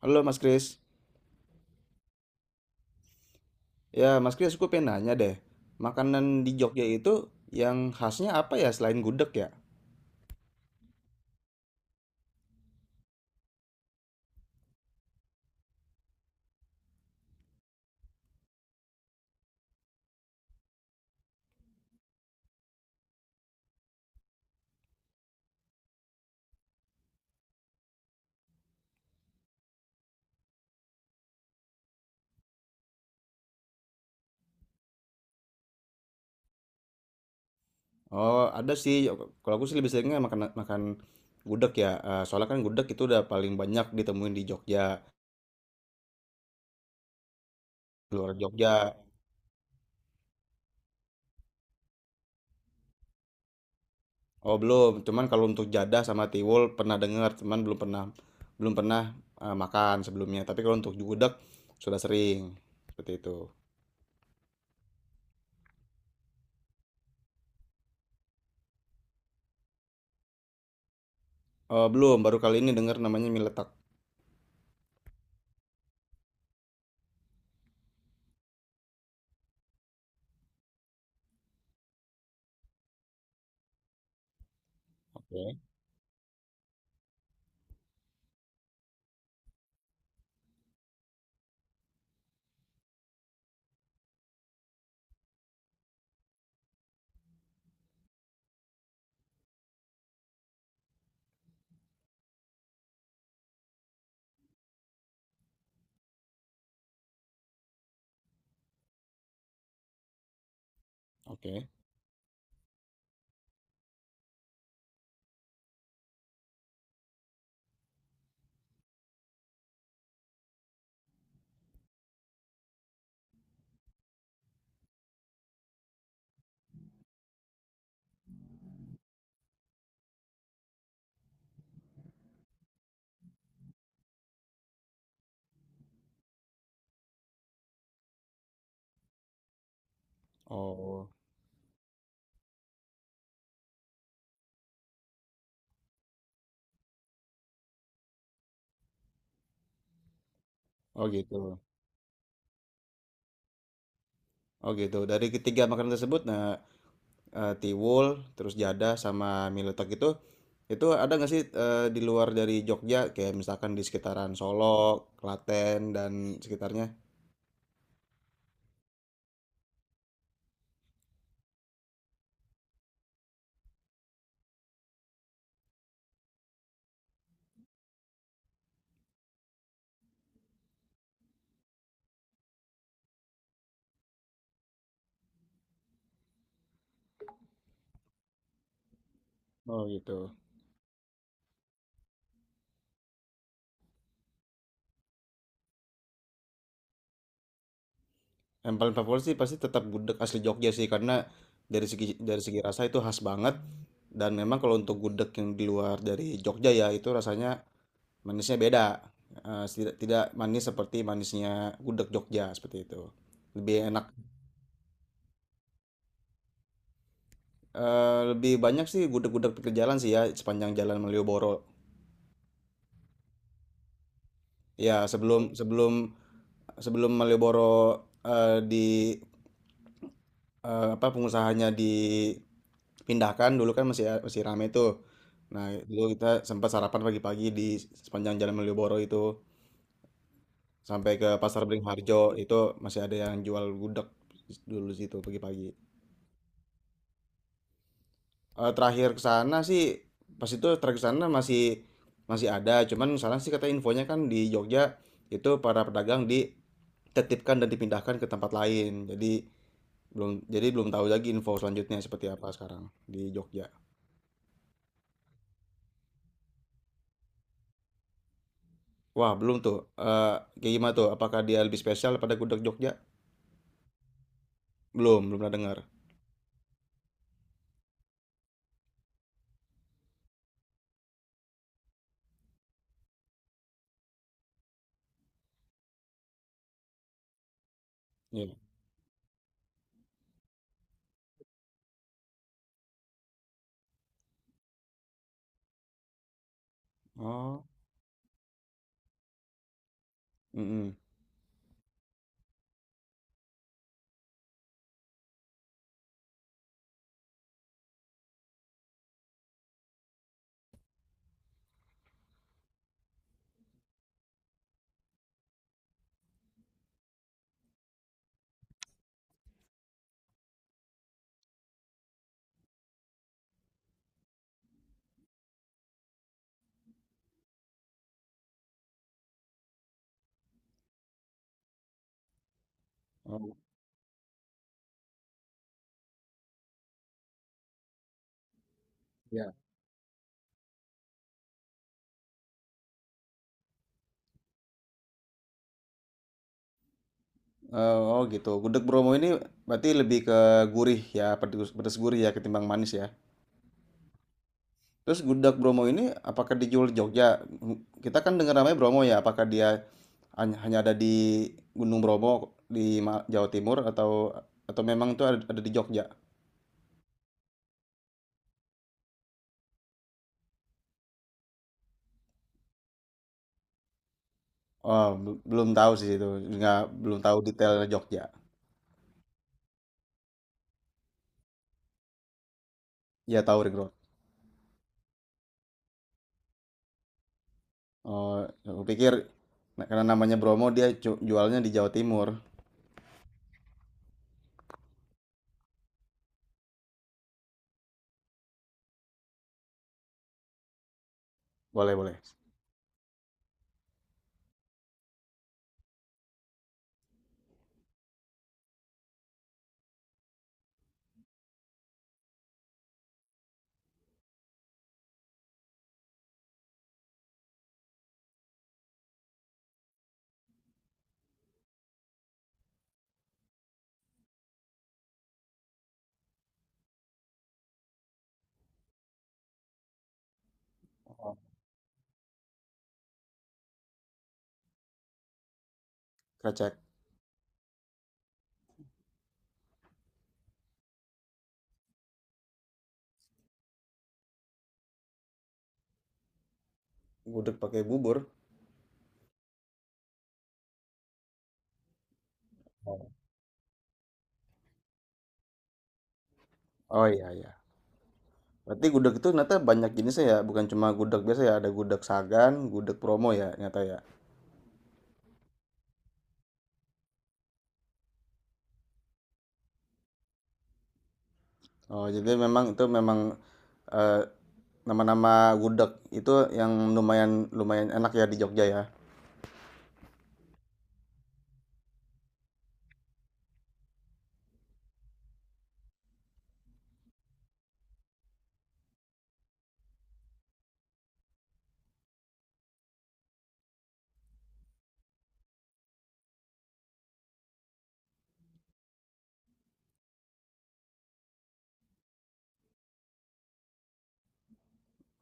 Halo Mas Kris. Ya, Mas Kris, aku pengen nanya deh. Makanan di Jogja itu yang khasnya apa ya selain gudeg ya? Oh, ada sih. Kalau aku sih lebih seringnya makan makan gudeg ya. Eh, soalnya kan gudeg itu udah paling banyak ditemuin di Jogja, luar Jogja. Oh, belum. Cuman kalau untuk jadah sama tiwul pernah dengar, cuman belum pernah makan sebelumnya. Tapi kalau untuk gudeg sudah sering. Seperti itu. Oh, belum. Baru kali ini dengar namanya mie letak. Oke. Oke. Oh, oh gitu. Oh gitu. Dari ketiga makanan tersebut, nah, tiwul, terus jadah sama mie letek itu ada nggak sih, di luar dari Jogja, kayak misalkan di sekitaran Solo, Klaten dan sekitarnya? Oh gitu. Yang paling favorit sih pasti tetap gudeg asli Jogja sih, karena dari segi rasa itu khas banget. Dan memang kalau untuk gudeg yang di luar dari Jogja ya itu rasanya manisnya beda. Tidak tidak manis seperti manisnya gudeg Jogja seperti itu. Lebih enak Lebih banyak sih gudeg-gudeg pinggir jalan sih ya, sepanjang jalan Malioboro. Ya sebelum sebelum sebelum Malioboro, di apa, pengusahanya dipindahkan, dulu kan masih masih ramai tuh. Nah, dulu kita sempat sarapan pagi-pagi di sepanjang jalan Malioboro itu, sampai ke Pasar Beringharjo, itu masih ada yang jual gudeg dulu situ pagi-pagi. Terakhir ke sana sih pas itu terakhir ke sana masih masih ada, cuman sana sih kata infonya kan di Jogja itu para pedagang ditertibkan dan dipindahkan ke tempat lain, jadi belum, jadi belum tahu lagi info selanjutnya seperti apa sekarang di Jogja. Wah, belum tuh. Eh, Kayak gimana tuh, apakah dia lebih spesial pada gudeg Jogja? Belum belum pernah dengar. Iya. Oh. Mm-mm. Oh ya. Oh gitu, gudeg Bromo ini berarti lebih ke gurih ya, pedes, pedes gurih ya, ketimbang manis ya. Terus gudeg Bromo ini apakah dijual di Jogja? Kita kan dengar namanya Bromo ya, apakah dia hanya ada di Gunung Bromo di Jawa Timur, atau memang itu ada di Jogja? Oh, belum tahu sih itu, nggak, belum tahu detailnya Jogja. Ya tahu Ring Road. Oh, aku pikir, nah, karena namanya Bromo dia jualnya di Jawa Timur. Boleh boleh. Oh. Krecek. Gudeg pakai bubur. Oh. Oh, iya iya. Berarti gudeg itu ternyata banyak jenisnya ya, bukan cuma gudeg biasa ya, ada gudeg Sagan, gudeg Promo ya, ternyata ya. Oh, jadi memang itu memang, eh, nama-nama gudeg itu yang lumayan lumayan enak ya di Jogja ya.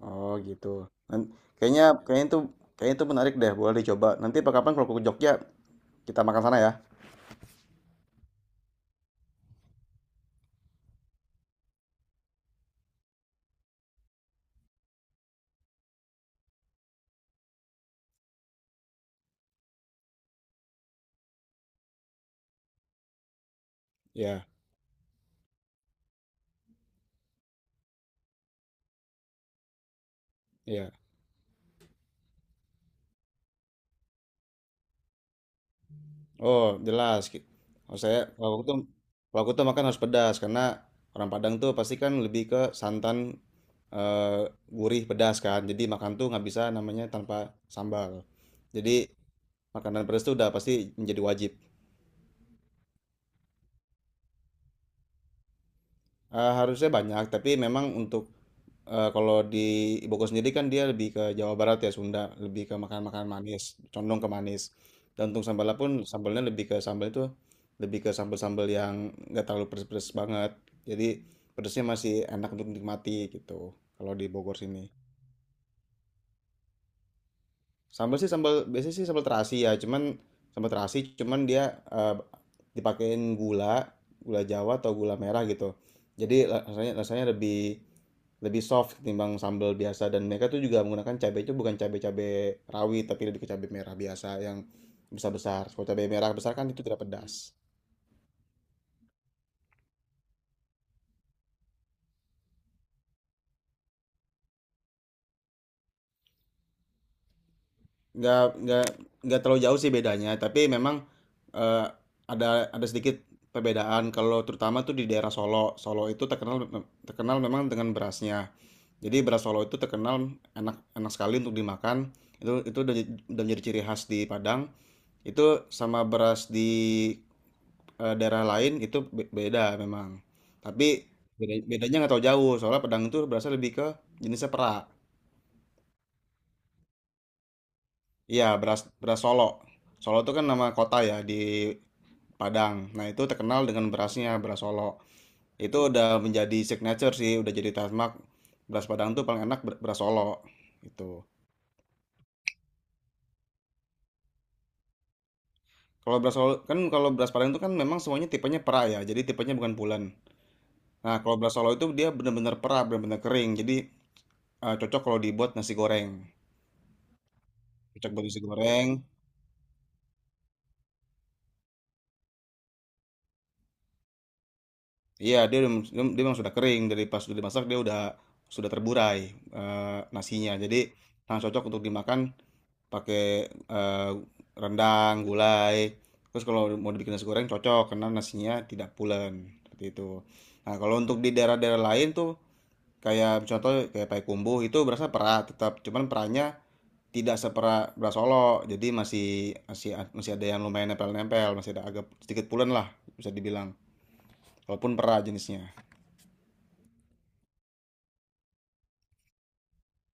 Oh, gitu. Nan- kayaknya kayaknya itu menarik deh, boleh dicoba. Nanti apa kapan kalau ke Jogja kita makan sana ya. Iya, iya. Oh, jelas. Kalau saya kalau aku tuh kalau aku tuh makan harus pedas, karena orang Padang tuh pasti kan lebih ke santan, eee, gurih, pedas kan. Jadi makan tuh nggak bisa namanya tanpa sambal. Jadi makanan pedas tuh udah pasti menjadi wajib. Harusnya banyak, tapi memang untuk, kalau di ibuku sendiri kan dia lebih ke Jawa Barat ya, Sunda, lebih ke makanan-makanan manis, condong ke manis. Dan untuk sambalnya pun, sambalnya lebih ke sambal itu, lebih ke sambal-sambal yang nggak terlalu pedes-pedes banget. Jadi pedesnya masih enak untuk dinikmati gitu, kalau di Bogor sini. Sambal sih, sambal biasanya sih sambal terasi ya, cuman sambal terasi cuman dia, eh, dipakein gula, gula Jawa atau gula merah gitu. Jadi rasanya rasanya lebih lebih soft ketimbang sambal biasa, dan mereka tuh juga menggunakan cabai itu bukan cabai-cabai rawit, tapi lebih ke cabai merah biasa yang besar-besar. Kalau cabai merah besar kan itu tidak pedas. nggak nggak nggak terlalu jauh sih bedanya, tapi memang, eh, ada ada, sedikit perbedaan kalau terutama tuh di daerah Solo. Solo itu terkenal terkenal memang dengan berasnya. Jadi beras Solo itu terkenal enak enak sekali untuk dimakan. Itu, udah menjadi ciri khas di Padang itu. Sama beras di, daerah lain itu beda memang, tapi bedanya nggak tahu jauh. Soalnya Padang itu berasnya lebih ke jenisnya perak. Iya, beras beras Solo. Solo itu kan nama kota ya di Padang. Nah, itu terkenal dengan berasnya, beras Solo. Itu udah menjadi signature sih, udah jadi trademark. Beras Padang tuh paling enak, beras Solo. Itu. Kalau beras Padang itu kan memang semuanya tipenya pera ya. Jadi tipenya bukan bulan. Nah, kalau beras Solo itu dia benar-benar pera, benar-benar kering. Jadi, cocok kalau dibuat nasi goreng. Cocok buat nasi goreng. Iya, dia udah- dia dia memang sudah kering. Dari pas sudah dimasak dia sudah terburai, nasinya. Jadi sangat cocok untuk dimakan pakai, eh, rendang, gulai. Terus kalau mau dibikin nasi goreng cocok, karena nasinya tidak pulen seperti itu. Nah, kalau untuk di daerah-daerah lain tuh kayak contoh kayak Payakumbuh, itu berasa perak tetap, cuman perannya tidak seperak beras Solo. Jadi masih, masih masih ada yang lumayan nempel-nempel, masih ada agak sedikit pulen lah bisa dibilang. Walaupun perak jenisnya.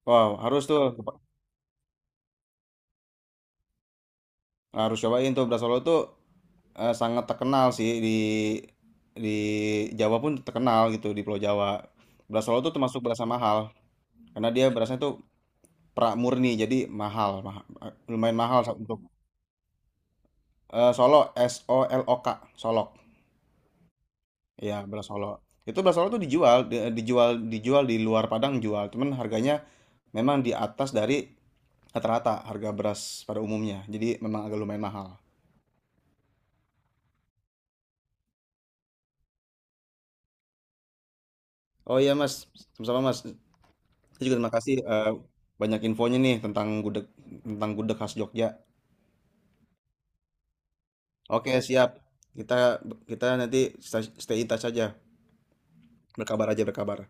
Wow, harus tuh. Harus cobain tuh beras Solo tuh, sangat terkenal sih di Jawa pun terkenal gitu, di Pulau Jawa. Beras Solo tuh termasuk beras yang mahal, karena dia berasnya tuh pramurni. Jadi mahal lumayan mahal untuk, Solo S O L O K, Solok. Ya, beras Solo. Itu beras Solo tuh dijual di luar Padang jual, cuman harganya memang di atas dari rata-rata harga beras pada umumnya. Jadi memang agak lumayan mahal. Oh iya Mas, sama-sama Mas. Saya juga terima kasih, banyak infonya nih tentang gudeg khas Jogja. Oke siap, kita kita nanti stay stay in touch aja, berkabar aja berkabar.